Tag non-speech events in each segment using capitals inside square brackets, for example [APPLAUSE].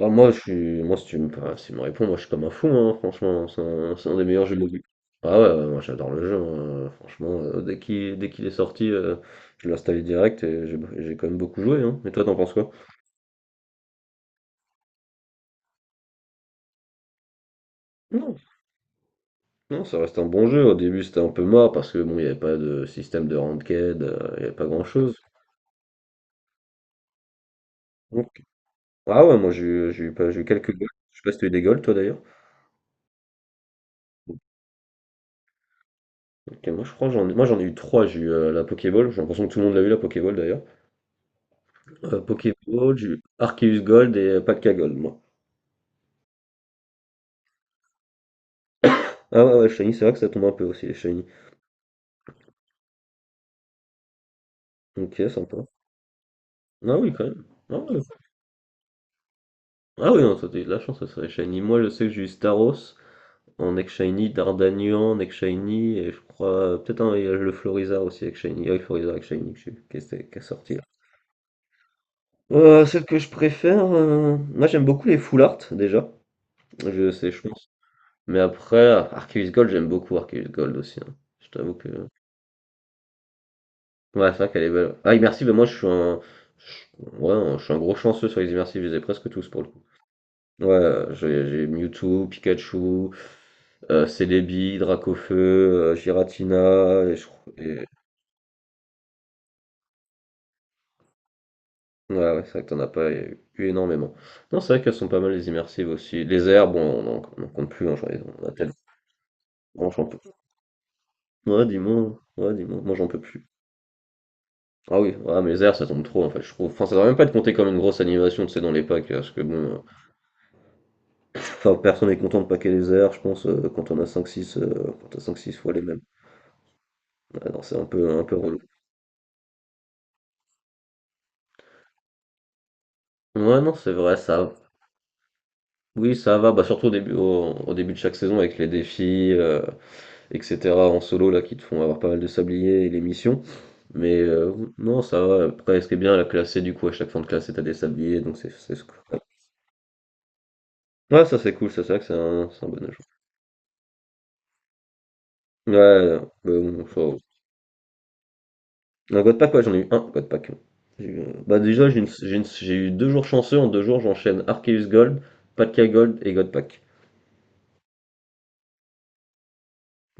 Ah, moi, je suis, moi, si tu me, enfin, si tu me réponds, moi, je suis comme un fou, hein, franchement. C'est un des meilleurs jeux mobiles. Ah ouais, ouais, moi, j'adore le jeu, hein, franchement. Dès qu'il est sorti, je l'ai installé direct et j'ai quand même beaucoup joué. Hein. Et toi, t'en penses quoi? Non, non, ça reste un bon jeu. Au début, c'était un peu mort parce que bon, il n'y avait pas de système de ranked, il n'y avait pas grand-chose. Donc, ah ouais, moi, j'ai eu, pas- j'ai eu quelques goals. Je sais pas si t'as eu des goals, toi, d'ailleurs. Ok, moi, je crois, que j'en, ai- moi, j'en ai eu 3. J'ai eu la Pokéball. J'ai l'impression que tout le monde l'a eu, la Pokéball, d'ailleurs. Pokéball, j'ai eu Arceus Gold et Pacta Gold, moi. Ah ouais, ouais, Shiny, c'est vrai que ça tombe un peu aussi, les Shiny. Ok, sympa. Ah oui, quand même. Ah, ouais. Ah oui, non, toi, t'as eu de la chance, ça serait Shiny. Moi, je sais que j'ai eu Staros en ex Shiny, Dardanian en ex Shiny, et je crois, peut-être un, il y a le Florizarre aussi avec Shiny. Ah oui, Florizarre avec Shiny que j'ai eu, qui est sorti là. Celle que je préfère, moi j'aime beaucoup les full art déjà, je sais, je pense. Mais après, Arceus Gold, j'aime beaucoup Arceus Gold aussi, hein. Je t'avoue que ouais, c'est vrai qu'elle est belle. Ah, immersive, moi je suis un. Je- Ouais, je suis un gros chanceux sur les immersives, je les ai presque tous pour le coup. Ouais, j'ai Mewtwo, Pikachu, Celebi, Dracofeu, Giratina, ouais, ouais, c'est vrai que t'en as pas eu énormément. Non, c'est vrai qu'elles sont pas mal les immersives aussi. Les airs, bon, on en compte plus, hein, on a tellement. Bon, j'en peux... ouais, dis-moi, moi j'en peux plus. Ah oui, ouais, mais les airs, ça tombe trop en fait, je trouve. Enfin, ça devrait même pas être compté comme une grosse animation, tu sais, dans les packs, parce que bon. Enfin, personne n'est content de paquer les heures, je pense, quand on a cinq, six, quand t'as cinq, six, fois les mêmes. Ah non, c'est un peu relou. Ouais, non, c'est vrai, ça. Oui, ça va, bah, surtout au début, au début de chaque saison avec les défis, etc. en solo, là, qui te font avoir pas mal de sabliers et les missions. Mais non, ça va. Après, ce qui est bien, la classe, c'est du coup, à chaque fin de classe, t'as des sabliers, donc c'est cool. Ouais, ça c'est cool, ça c'est vrai que c'est un bon ajout. Ouais, bah, bon, ça, un God Pack, ouais, j'en ai eu un God Pack. Bah déjà, j'ai eu deux jours chanceux. En deux jours, j'enchaîne Arceus Gold, Patka Gold et God Pack.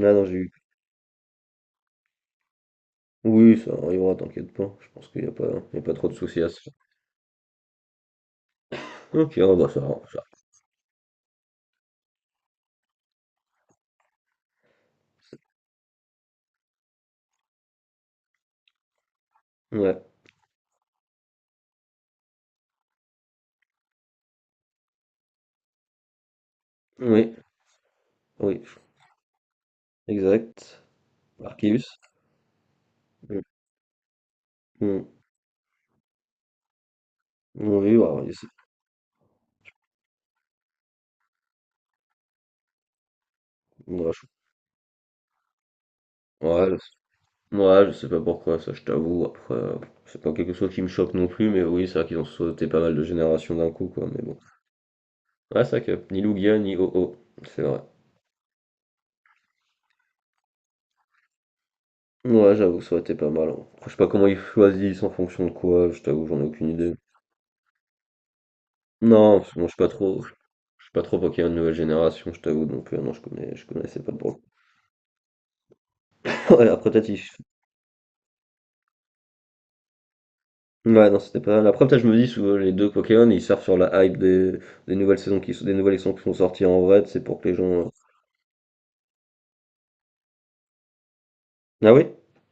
Ah non, j'ai eu. Oui, ça arrivera, t'inquiète pas. Je pense qu'il n'y a pas, il y a pas trop de soucis à se faire. Ok, ah bah ça, va, ça. Va. Ouais, oui, oui, exact. Arceus. Mm, mm. Oui, ouais, ouais, ouais, je... ouais, je sais ouais, je sais pas pourquoi, ça je t'avoue. Après, c'est pas quelque chose qui me choque non plus, mais oui, c'est vrai qu'ils ont sauté pas mal de générations d'un coup, quoi. Mais bon. Ouais, c'est vrai que ni Lugia ni Ho-Oh, c'est vrai. Ouais, j'avoue, ça aurait été pas mal, hein. Je sais pas comment ils choisissent en fonction de quoi, je t'avoue, j'en ai aucune idée. Non, parce que moi, je suis pas trop. Je suis pas trop Pokémon nouvelle génération, je t'avoue, donc non, je connaissais pas de bol. [LAUGHS] Ouais, après, peut-être ils- Ouais, non, c'était pas mal. Après, peut-être je me dis, souvent, les deux Pokémon, ils servent sur la hype des nouvelles saisons qui sont, des nouvelles saisons qui sont sorties en vrai, c'est pour que les gens. Ah oui?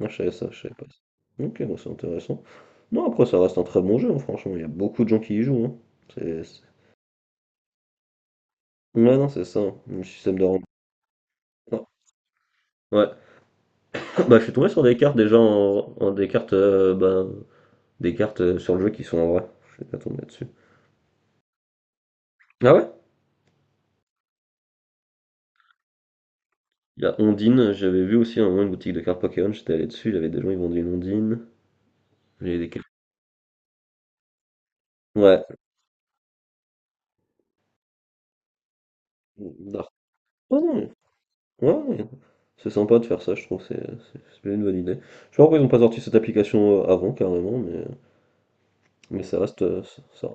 Non, je savais ça, je savais pas. Ça. Ok, bon, c'est intéressant. Non, après, ça reste un très bon jeu, hein, franchement, il y a beaucoup de gens qui y jouent, hein. C'est Ouais, non, c'est ça, hein, le système de rempart. Ouais. [LAUGHS] Bah, je suis tombé sur des cartes déjà en, en- des cartes bah, des cartes sur le jeu qui sont en vrai. Je suis pas tombé là-dessus. Ah ouais? Il y a Ondine, j'avais vu aussi à un moment une boutique de cartes Pokémon, j'étais allé dessus, il y avait des gens, ils vendaient une Ondine. Il y avait des cartes. Ouais. Dark. Oh non, ouais, ouais. C'est sympa de faire ça, je trouve, c'est une bonne idée. Je sais pas pourquoi ils ont pas sorti cette application avant, carrément, mais ça reste ça. Ça.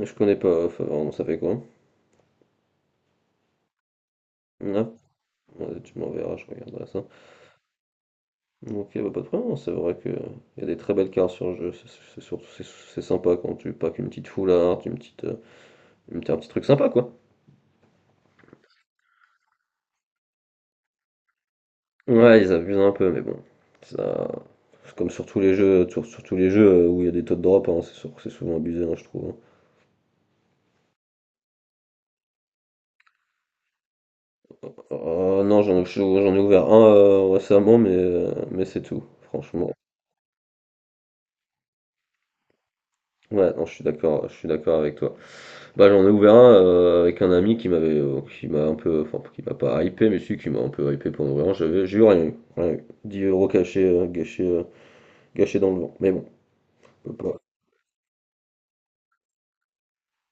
Je connais pas, enfin, vraiment, ça fait quoi? Ah, ouais, tu m'enverras, je regarderai ça. Ok, bah, pas de problème, c'est vrai que il y a des très belles cartes sur le jeu, c'est surtout c'est sympa quand tu packs une petite foularde, une petite, un petit truc sympa quoi. Ouais, ils abusent un peu, mais bon, ça, c'est comme sur tous les jeux, sur tous les jeux où il y a des taux de drop, hein, c'est sûr que c'est souvent abusé, hein, je trouve, hein. Non, j'en ai ouvert un récemment, mais c'est tout, franchement. Ouais, non, je suis d'accord avec toi. Bah, j'en ai ouvert un avec un ami qui m'avait qui m'a un peu enfin qui m'a pas hypé mais si qui m'a un peu hypé pour en ouvrir un, j'ai eu rien eu. 10 euros cachés gâchés gâchés dans le vent. Mais bon, on peut pas.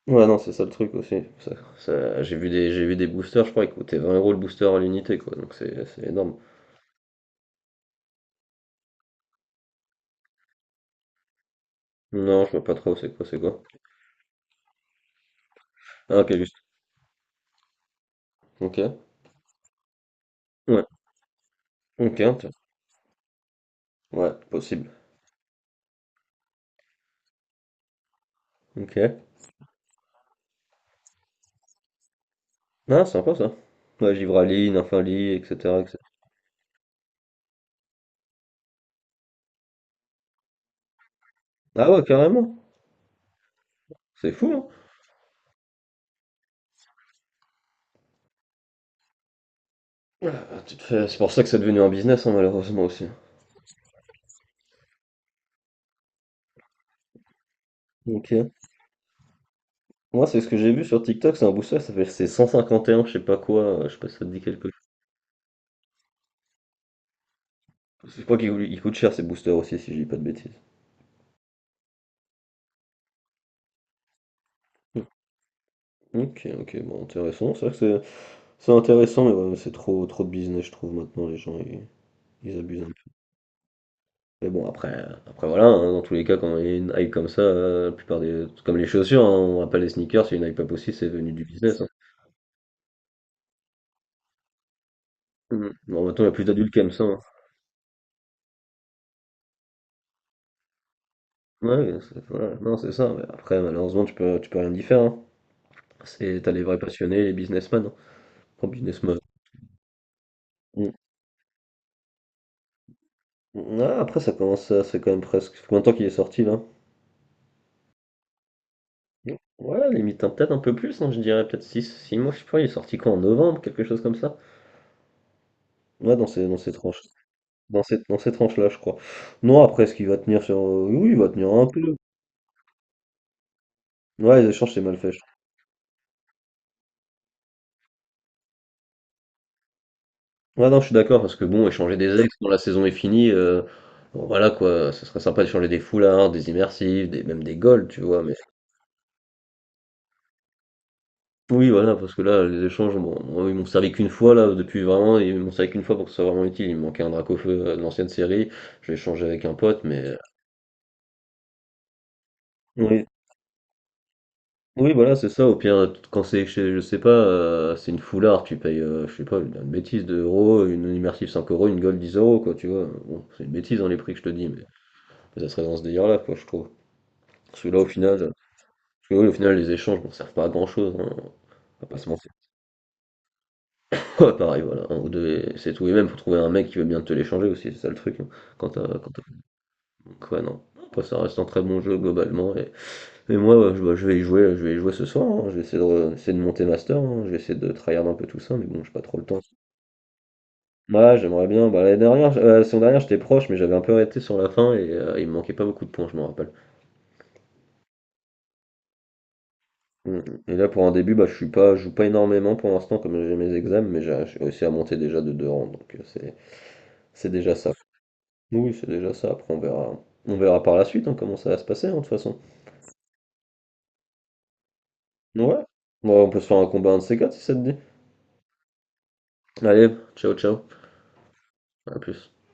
Ouais non, c'est ça le truc aussi. J'ai vu des boosters, je crois ils coûtaient 20 euros le booster à l'unité quoi. Donc c'est énorme. Non, je vois pas trop c'est quoi. Ah, OK juste. OK. Ouais. OK, intéressant. Ouais, possible. OK. Ah, sympa ça. Ouais, Givraline, Infali, etc., etc. Ah ouais, carrément. C'est fou, hein. Ah bah, tu te fais c'est pour ça que c'est devenu un business, hein, malheureusement aussi. Ok. Moi, c'est ce que j'ai vu sur TikTok, c'est un booster, ça fait c'est 151, je sais pas quoi, je sais pas si ça te dit quelque chose. Je crois qu'il il coûte cher ces boosters aussi, si je dis pas de bêtises. Hmm. Ok, ok, bon, intéressant. C'est vrai que c'est c'est intéressant, mais ouais, c'est trop, trop de business, je trouve, maintenant, ils abusent un peu. Mais bon, après, après voilà, hein, dans tous les cas, quand il y a une hype comme ça, la plupart des. Comme les chaussures, hein, on rappelle les sneakers, c'est une hype pas possible, c'est devenu du business, hein. Hmm. Bon, maintenant, il y a plus d'adultes qui aiment ça, hein. Ouais, ouais, c'est- voilà. Non, c'est ça. Mais après, malheureusement, tu peux rien y faire, hein. C'est, t'as les vrais passionnés, les businessmen, hein. Oh, businessmen. Mm. Ah, après, ça commence à, c'est quand même presque. Combien de temps qu'il est sorti là? Mm. Ouais, limite hein, peut-être un peu plus, hein, je dirais peut-être 6 mois, je sais pas, il est sorti quoi en novembre, quelque chose comme ça. Ouais, dans ces tranches. Dans ces tranches-là, je crois. Non, après, est-ce qu'il va tenir sur. Oui, il va tenir un peu. Ouais, les échanges, c'est mal fait. Ouais, non, je suis d'accord, parce que bon, échanger des ex quand la saison est finie, bon, voilà quoi, ça serait sympa d'échanger des foulards, des immersives, des, même des golds, tu vois, mais oui, voilà, parce que là, les échanges, bon, moi, ils m'ont servi qu'une fois pour que ce soit vraiment utile. Il me manquait un drac au feu de l'ancienne série, je l'ai échangé avec un pote, mais. Oui, oui, voilà, c'est ça, au pire, quand c'est, je sais pas, c'est une foulard, tu payes, je sais pas, une bêtise, 2 euros, une immersive 5 euros, une gold 10 euros, quoi, tu vois, bon, c'est une bêtise dans les prix que je te dis, mais ça serait dans ce délire-là, quoi, je trouve. Parce que là, au final, parce que oui, au final, les échanges ne servent pas à grand-chose, hein, on va pas se mentir. [LAUGHS] Pareil, voilà, un ou deux, et c'est tout. Et même, faut trouver un mec qui veut bien te l'échanger aussi, c'est ça le truc, hein. Quand t'as, quand t'as- donc, ouais, non. Après, ça reste un très bon jeu globalement. Et moi, ouais, je vais y jouer, je vais y jouer ce soir, hein. Je vais essayer de, re- essayer de monter master, hein. Je vais essayer de tryhard un peu tout ça, mais bon, j'ai pas trop le temps. Ouais, j'aimerais bien. Bah, la saison dernière, j'étais proche, mais j'avais un peu arrêté sur la fin et il me manquait pas beaucoup de points, je m'en rappelle. Mm. mm. Et là pour un début bah je joue pas énormément pour l'instant comme j'ai mes examens mais j'ai réussi à monter déjà de 2 rangs donc c'est déjà ça. Oui c'est déjà ça après on verra par la suite hein, comment ça va se passer hein, de toute façon. Ouais. Bon, on peut se faire un combat un de ces quatre si ça te dit. Allez, ciao ciao, à plus.